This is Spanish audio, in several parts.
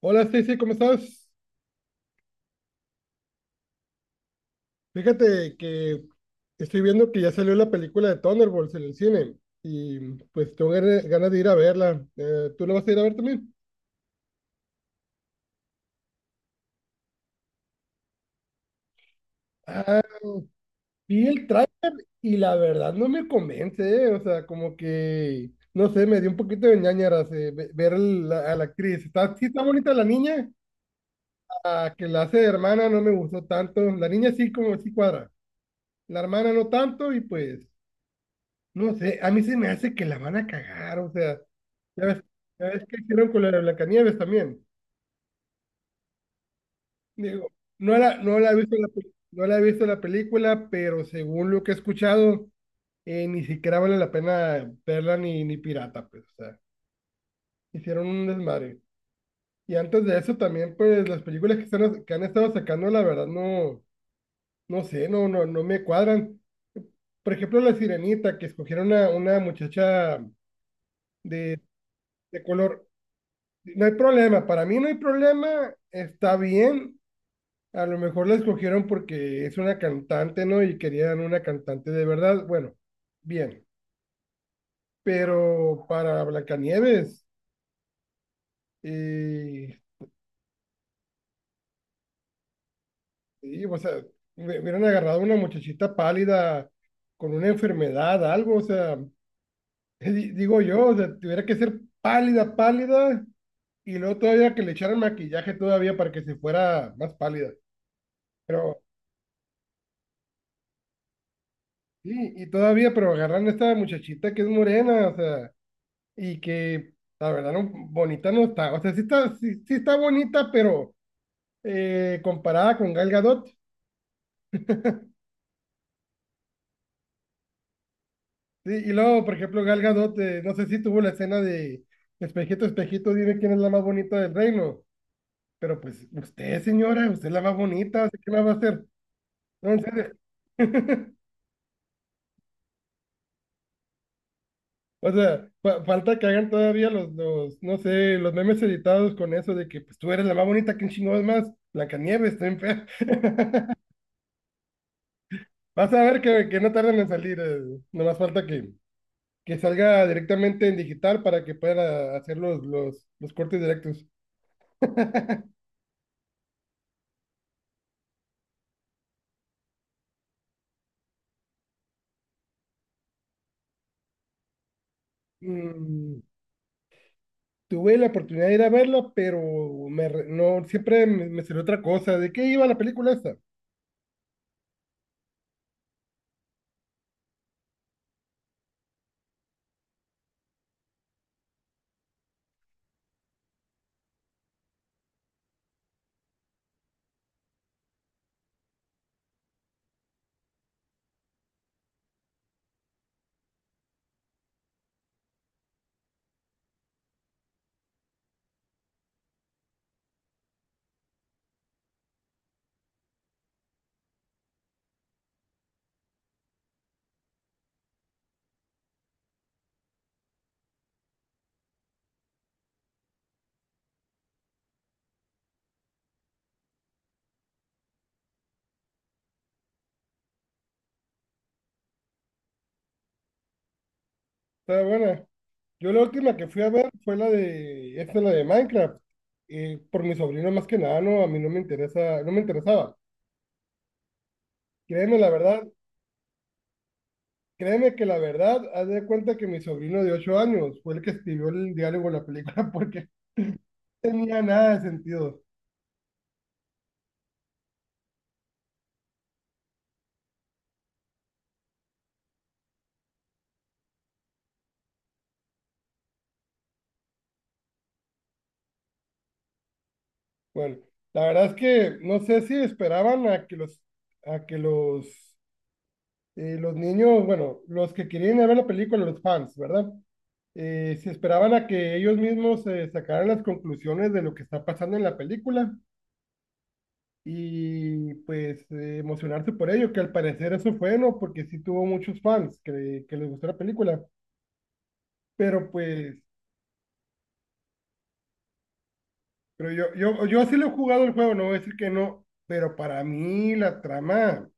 Hola Stacy, ¿cómo estás? Fíjate que estoy viendo que ya salió la película de Thunderbolts en el cine y pues tengo ganas de ir a verla. ¿Tú la vas a ir a ver también? Ah, vi el tráiler y la verdad no me convence. O sea, como que, no sé, me dio un poquito de ñáñaras, a la actriz. Está, sí está bonita la niña, a que la hace de hermana no me gustó tanto. La niña sí como sí cuadra, la hermana no tanto y pues... No sé, a mí se me hace que la van a cagar, o sea, ya ves, ya ves qué hicieron con la de Blancanieves también. Digo, no la he visto no la he visto la película, pero según lo que he escuchado, ni siquiera vale la pena verla, ni, ni pirata, pues, o sea, hicieron un desmadre. Y antes de eso también, pues, las películas que han estado sacando, la verdad, no, no sé, no, no, no me cuadran. Por ejemplo, La Sirenita, que escogieron a una muchacha de, de color. No hay problema, para mí no hay problema, está bien. A lo mejor la escogieron porque es una cantante, ¿no? Y querían una cantante de verdad. Bueno, bien. Pero para Blancanieves, y, o sea, hubieran agarrado una muchachita pálida con una enfermedad, algo, o sea, digo yo, o sea, tuviera que ser pálida, pálida, y luego todavía que le echaran maquillaje todavía para que se fuera más pálida. Pero sí, y todavía, pero agarran a esta muchachita que es morena, o sea, y que la verdad no, bonita no está. O sea, sí está, sí, sí está bonita, pero comparada con Gal Gadot. Sí, y luego, por ejemplo, Gal Gadot, no sé si tuvo la escena de espejito, espejito, dime quién es la más bonita del reino. Pero pues usted, señora, usted es la más bonita, así que la va a hacer. No, en serio. O sea, falta que hagan todavía no sé, los memes editados con eso de que pues tú eres la más bonita. ¿Quién chingados más? Blancanieves, está bien fea. Vas a ver que, no tardan en salir. Nomás falta que salga directamente en digital para que pueda hacer los cortes directos. Mm, tuve la oportunidad de ir a verla, pero no, siempre me salió otra cosa. ¿De qué iba la película esta? Estaba buena. Yo la última que fui a ver fue la de, esta la de Minecraft, por mi sobrino más que nada. No, a mí no me interesa, no me interesaba. Créeme la verdad, créeme que la verdad, haz de cuenta que mi sobrino de 8 años fue el que escribió el diálogo de la película porque no tenía nada de sentido. Bueno, la verdad es que no sé si esperaban a que los niños, bueno, los que querían ir a ver la película, los fans, ¿verdad? Se esperaban a que ellos mismos sacaran las conclusiones de lo que está pasando en la película y pues emocionarse por ello, que al parecer eso fue, ¿no? Porque sí tuvo muchos fans que, les gustó la película, pero pues, pero yo sí lo he jugado el juego, no voy a decir que no, pero para mí la trama,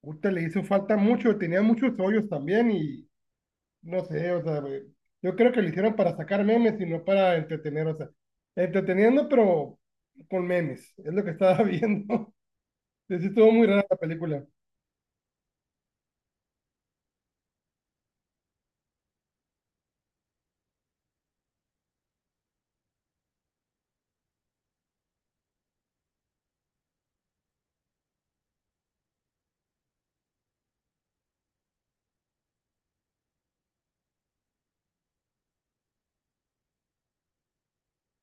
puta, le hizo falta mucho, tenía muchos hoyos también y no sé, o sea, güey, yo creo que lo hicieron para sacar memes y no para entretener, o sea, entreteniendo, pero con memes, es lo que estaba viendo. Sí, sí estuvo muy rara la película.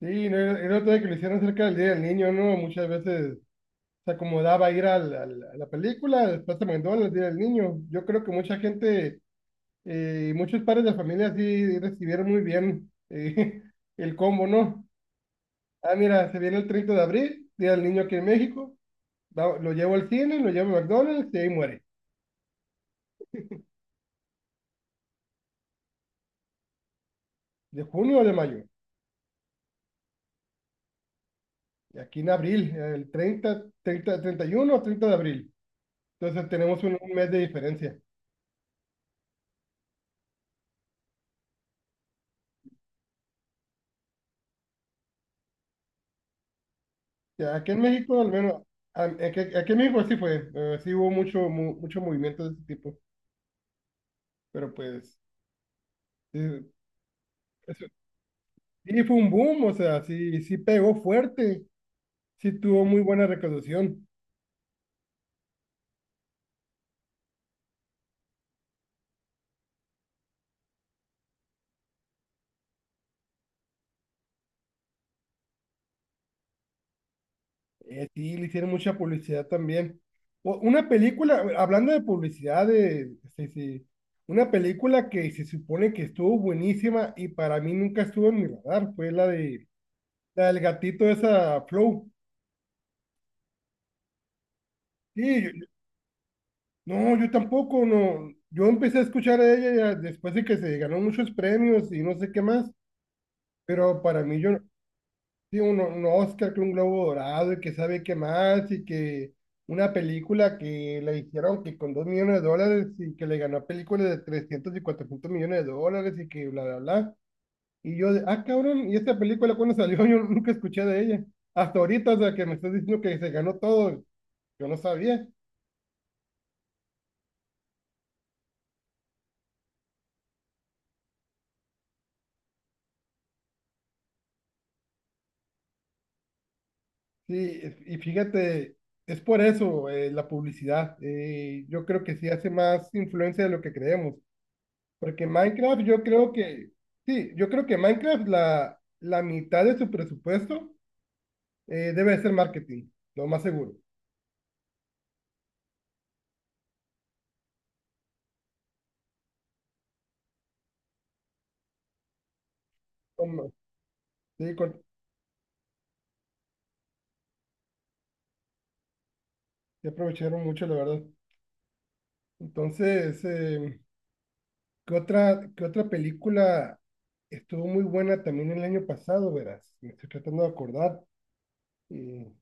Sí, no, el otro de que lo hicieron cerca del Día del Niño, ¿no? Muchas veces se acomodaba ir a la película, después se mandó al Día del Niño. Yo creo que mucha gente, muchos padres de familia sí recibieron muy bien, el combo, ¿no? Ah, mira, se viene el 30 de abril, Día del Niño aquí en México. Lo llevo al cine, lo llevo a McDonald's y ahí muere. De junio o de mayo. Y aquí en abril, el 30, 30, 31 o 30 de abril. Entonces tenemos un mes de diferencia. Ya, aquí en México, al menos, aquí, aquí en México sí fue, sí hubo mucho, mucho movimiento de ese tipo. Pero pues, eh, eso- sí fue un boom, o sea, sí, sí pegó fuerte, sí tuvo muy buena recaudación. Sí, le hicieron mucha publicidad también. Una película, hablando de publicidad, de, sí, sí, una película que se supone que estuvo buenísima y para mí nunca estuvo en mi radar, fue la de la del gatito esa Flow. Sí, no, yo tampoco, no. Yo empecé a escuchar a ella ya después de que se ganó muchos premios y no sé qué más, pero para mí yo, no, sí, un Oscar, que un Globo Dorado y que sabe qué más, y que una película que le hicieron que con 2 millones de dólares y que le ganó a películas de 300 y 400 millones de dólares y que bla, bla, bla. Y yo, de, ah, cabrón, ¿y esta película cuando salió? Yo nunca escuché de ella. Hasta ahorita, o sea, que me estás diciendo que se ganó todo, yo no sabía. Sí, y fíjate, es por eso, la publicidad. Yo creo que sí hace más influencia de lo que creemos. Porque Minecraft, yo creo que, sí, yo creo que Minecraft, la mitad de su presupuesto debe de ser marketing, lo más seguro. Como- sí, con- sí aprovecharon mucho, la verdad. Entonces, qué otra película estuvo muy buena también el año pasado, verás? Me estoy tratando de acordar. Eh,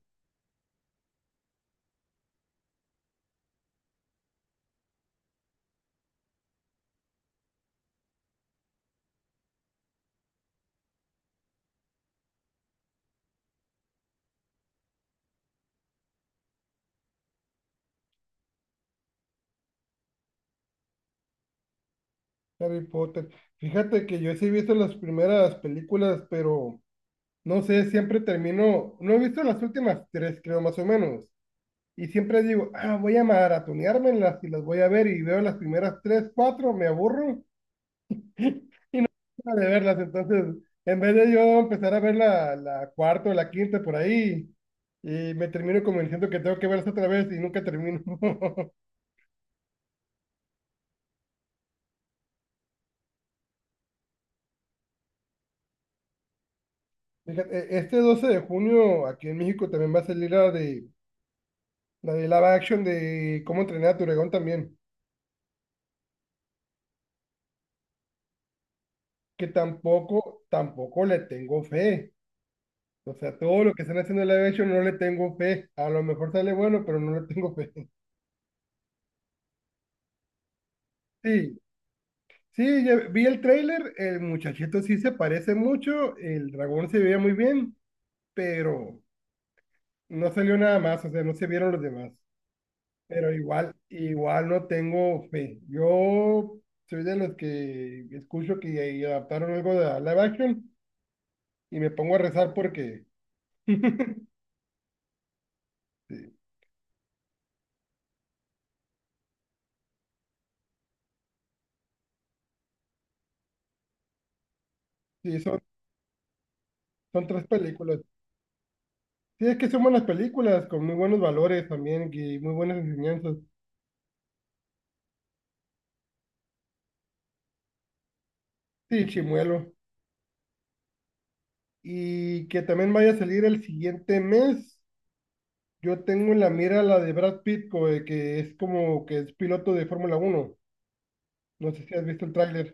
Harry Potter. Fíjate que yo sí he visto las primeras películas, pero no sé, siempre termino, no he visto las últimas tres, creo, más o menos. Y siempre digo, ah, voy a maratoneármelas y las voy a ver y veo las primeras tres, cuatro, me aburro y no tengo de verlas. Entonces, en vez de yo empezar a ver la cuarta o la quinta por ahí, y me termino convenciendo que tengo que verlas otra vez y nunca termino. Fíjate, este 12 de junio aquí en México también va a salir la de live action de cómo entrenar a tu dragón también, que tampoco, tampoco le tengo fe. O sea, todo lo que están haciendo en live action no le tengo fe. A lo mejor sale bueno, pero no le tengo fe. Sí, sí, ya vi el tráiler, el muchachito sí se parece mucho, el dragón se veía muy bien, pero no salió nada más, o sea, no se vieron los demás. Pero igual, igual no tengo fe. Yo soy de los que escucho que y adaptaron algo de live action y me pongo a rezar porque sí, sí, son tres películas. Sí, es que son buenas películas, con muy buenos valores también y muy buenas enseñanzas. Sí, Chimuelo. Y que también vaya a salir el siguiente mes. Yo tengo en la mira la de Brad Pitt, que es como que es piloto de Fórmula Uno. No sé si has visto el tráiler.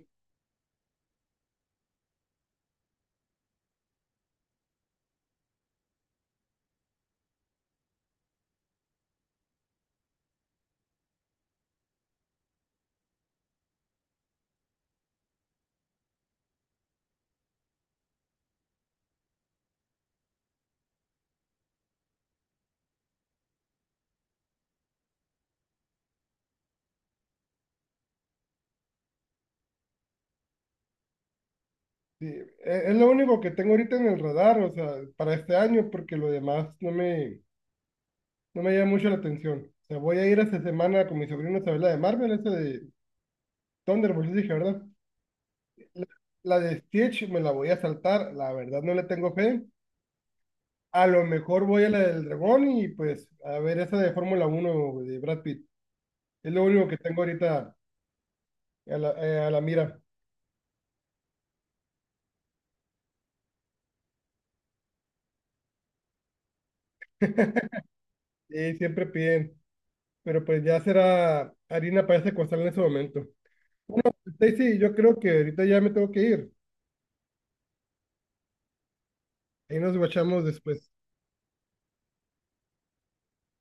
Sí, es lo único que tengo ahorita en el radar, o sea, para este año, porque lo demás no me, no me llama mucho la atención. O sea, voy a ir esta semana con mi sobrino a ver la de Marvel, esa de Thunderbolts, dije, ¿verdad? La la de Stitch me la voy a saltar, la verdad no le tengo fe. A lo mejor voy a la del dragón y pues a ver esa de Fórmula uno de Brad Pitt. Es lo único que tengo ahorita a la mira. Siempre piden, pero pues ya será harina para ese costal en ese momento. Stacy, yo creo que ahorita ya me tengo que ir. Ahí nos guachamos después.